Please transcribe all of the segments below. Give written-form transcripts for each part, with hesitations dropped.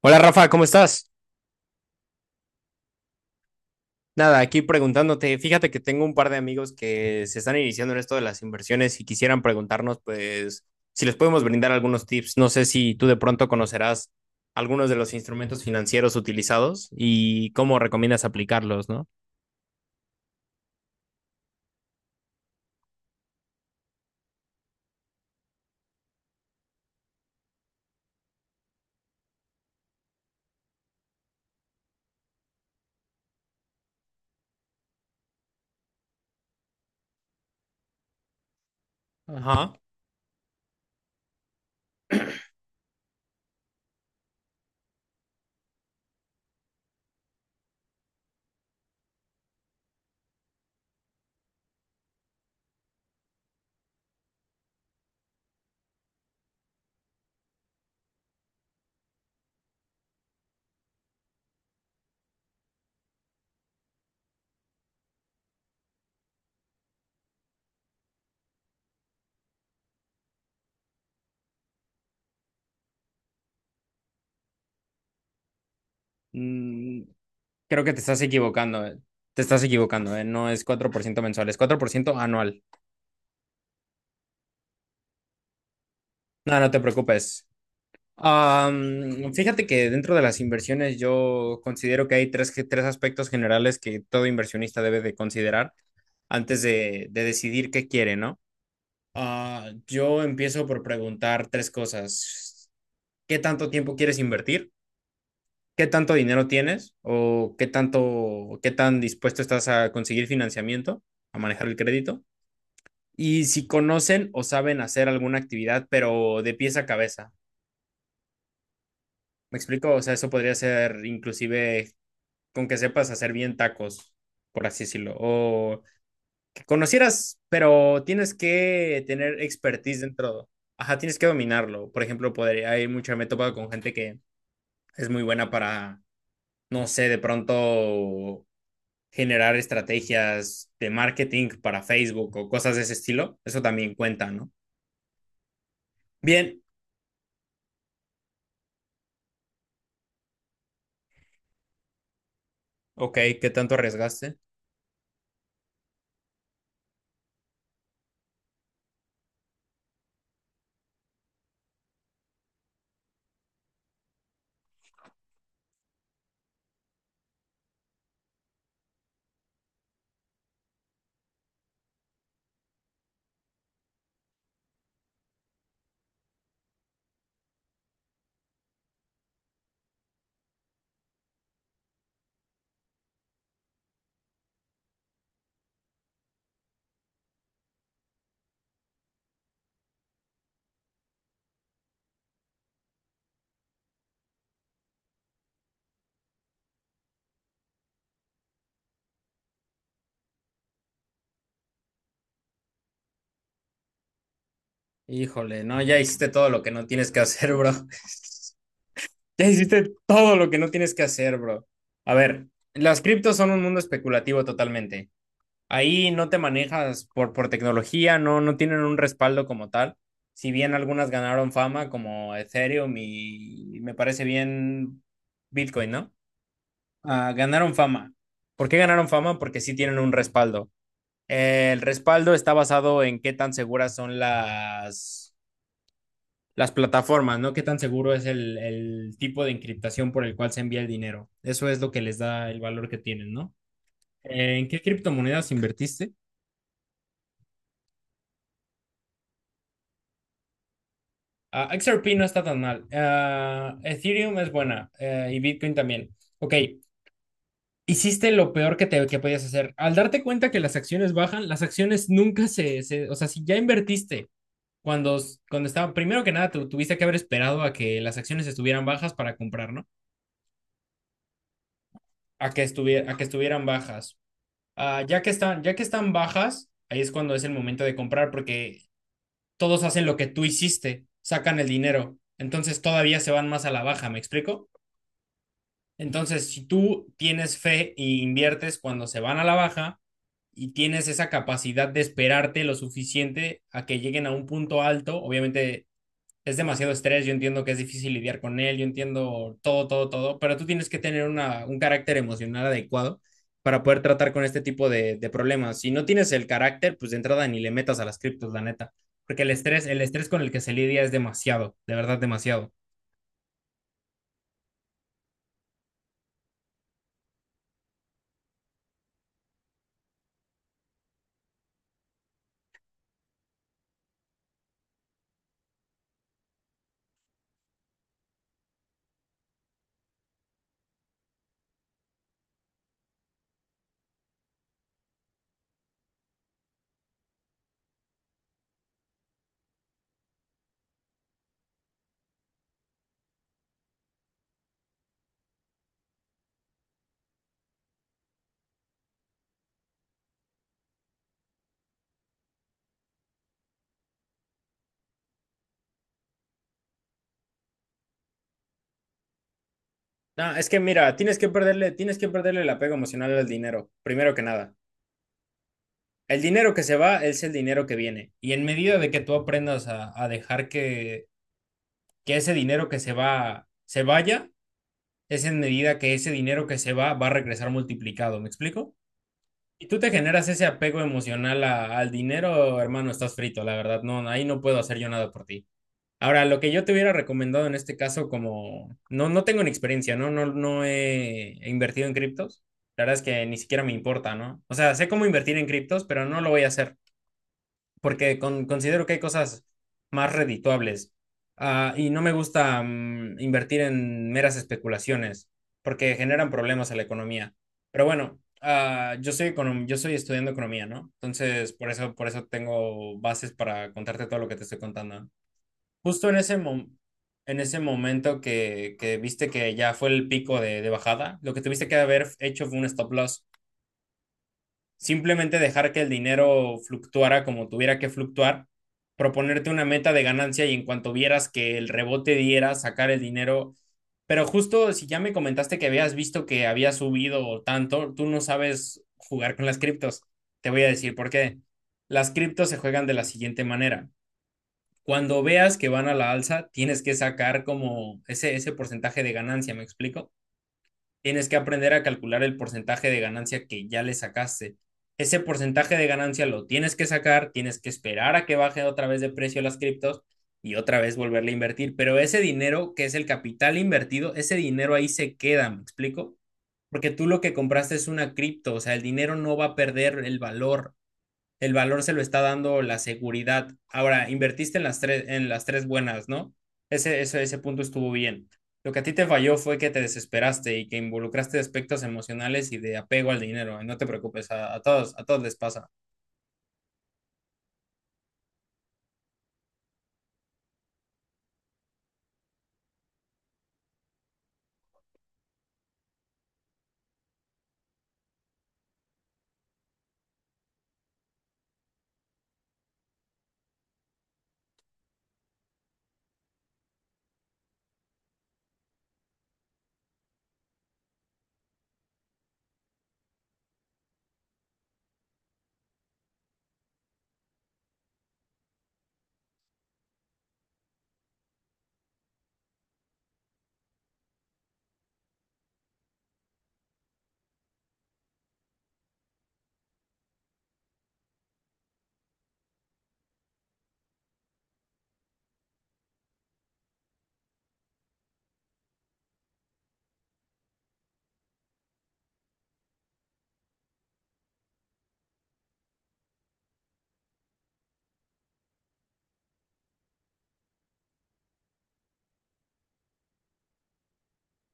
Hola Rafa, ¿cómo estás? Nada, aquí preguntándote. Fíjate que tengo un par de amigos que se están iniciando en esto de las inversiones y quisieran preguntarnos, pues, si les podemos brindar algunos tips. No sé si tú de pronto conocerás algunos de los instrumentos financieros utilizados y cómo recomiendas aplicarlos, ¿no? Ajá. Mm, creo que te estás equivocando. Te estás equivocando, ¿eh? No es 4% mensual, es 4% anual. No, no te preocupes. Fíjate que dentro de las inversiones yo considero que hay tres, tres aspectos generales que todo inversionista debe de considerar antes de decidir qué quiere, ¿no? Yo empiezo por preguntar tres cosas. ¿Qué tanto tiempo quieres invertir? ¿Qué tanto dinero tienes? ¿O qué tanto, qué tan dispuesto estás a conseguir financiamiento, a manejar el crédito? Y si conocen o saben hacer alguna actividad, pero de pies a cabeza. ¿Me explico? O sea, eso podría ser inclusive con que sepas hacer bien tacos, por así decirlo, o que conocieras, pero tienes que tener expertise dentro. Ajá, tienes que dominarlo. Por ejemplo, podría, hay mucha, me he topado con gente que es muy buena para, no sé, de pronto generar estrategias de marketing para Facebook o cosas de ese estilo. Eso también cuenta, ¿no? Bien, ok, ¿qué tanto arriesgaste? Híjole, no, ya hiciste todo lo que no tienes que hacer, bro. Ya hiciste todo lo que no tienes que hacer, bro. A ver, las criptos son un mundo especulativo totalmente. Ahí no te manejas por tecnología, no, no tienen un respaldo como tal. Si bien algunas ganaron fama, como Ethereum y me parece bien Bitcoin, ¿no? Ah, ganaron fama. ¿Por qué ganaron fama? Porque sí tienen un respaldo. El respaldo está basado en qué tan seguras son las plataformas, ¿no? ¿Qué tan seguro es el tipo de encriptación por el cual se envía el dinero? Eso es lo que les da el valor que tienen, ¿no? ¿En qué criptomonedas invertiste? Ah, XRP no está tan mal. Ah, Ethereum es buena y Bitcoin también. Ok, hiciste lo peor que podías hacer. Al darte cuenta que las acciones bajan, las acciones nunca o sea, si ya invertiste cuando, cuando estaba, primero que nada, te tuviste que haber esperado a que las acciones estuvieran bajas para comprar, ¿no? A que estuvieran bajas. Ah, ya que están bajas, ahí es cuando es el momento de comprar porque todos hacen lo que tú hiciste, sacan el dinero, entonces todavía se van más a la baja, ¿me explico? Entonces, si tú tienes fe y inviertes cuando se van a la baja y tienes esa capacidad de esperarte lo suficiente a que lleguen a un punto alto, obviamente es demasiado estrés, yo entiendo que es difícil lidiar con él, yo entiendo todo, todo, todo, pero tú tienes que tener un carácter emocional adecuado para poder tratar con este tipo de problemas. Si no tienes el carácter, pues de entrada ni le metas a las criptos, la neta, porque el estrés con el que se lidia es demasiado, de verdad demasiado. No, es que mira, tienes que perderle el apego emocional al dinero, primero que nada. El dinero que se va es el dinero que viene. Y en medida de que tú aprendas a dejar que ese dinero que se va se vaya, es en medida que ese dinero que se va va a regresar multiplicado, ¿me explico? Y tú te generas ese apego emocional al dinero, hermano, estás frito, la verdad, no, ahí no puedo hacer yo nada por ti. Ahora, lo que yo te hubiera recomendado en este caso, como no, no tengo ni experiencia, ¿no? No, he invertido en criptos. La verdad es que ni siquiera me importa, ¿no? O sea, sé cómo invertir en criptos, pero no lo voy a hacer porque considero que hay cosas más redituables. Y no me gusta invertir en meras especulaciones, porque generan problemas a la economía. Pero bueno, yo soy yo soy estudiando economía, ¿no? Entonces, por eso tengo bases para contarte todo lo que te estoy contando. Justo en ese mo- En ese momento que viste que ya fue el pico de bajada, lo que tuviste que haber hecho fue un stop loss, simplemente dejar que el dinero fluctuara como tuviera que fluctuar, proponerte una meta de ganancia y en cuanto vieras que el rebote diera, sacar el dinero. Pero justo si ya me comentaste que habías visto que había subido tanto, tú no sabes jugar con las criptos. Te voy a decir por qué. Las criptos se juegan de la siguiente manera. Cuando veas que van a la alza, tienes que sacar como ese porcentaje de ganancia, ¿me explico? Tienes que aprender a calcular el porcentaje de ganancia que ya le sacaste. Ese porcentaje de ganancia lo tienes que sacar, tienes que esperar a que baje otra vez de precio las criptos y otra vez volverle a invertir. Pero ese dinero, que es el capital invertido, ese dinero ahí se queda, ¿me explico? Porque tú lo que compraste es una cripto, o sea, el dinero no va a perder el valor se lo está dando la seguridad. Ahora, invertiste en las tres buenas, ¿no? Ese punto estuvo bien. Lo que a ti te falló fue que te desesperaste y que involucraste aspectos emocionales y de apego al dinero. No te preocupes, a todos les pasa.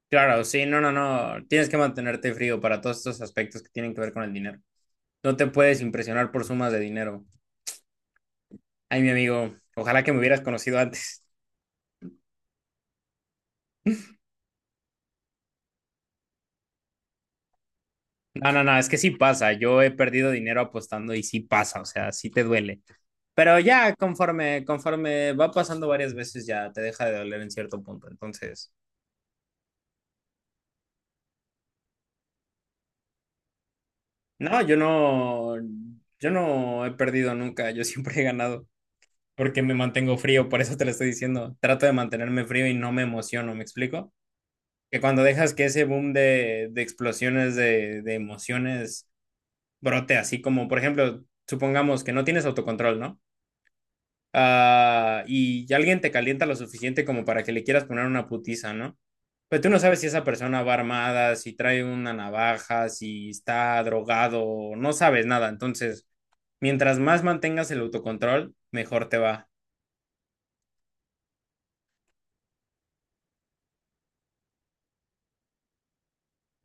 Claro, sí, no, no, no. Tienes que mantenerte frío para todos estos aspectos que tienen que ver con el dinero. No te puedes impresionar por sumas de dinero. Ay, mi amigo, ojalá que me hubieras conocido antes. No, no, no, es que sí pasa. Yo he perdido dinero apostando y sí pasa, o sea, sí te duele. Pero ya conforme, conforme va pasando varias veces ya te deja de doler en cierto punto. Entonces, no, yo no, yo no he perdido nunca, yo siempre he ganado porque me mantengo frío, por eso te lo estoy diciendo. Trato de mantenerme frío y no me emociono, ¿me explico? Que cuando dejas que ese boom de explosiones de emociones brote así como, por ejemplo, supongamos que no tienes autocontrol, ¿no? Ah, y alguien te calienta lo suficiente como para que le quieras poner una putiza, ¿no? Pero tú no sabes si esa persona va armada, si trae una navaja, si está drogado, no sabes nada. Entonces, mientras más mantengas el autocontrol, mejor te va.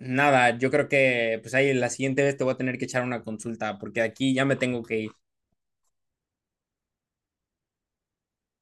Nada, yo creo que pues ahí la siguiente vez te voy a tener que echar una consulta porque aquí ya me tengo que ir.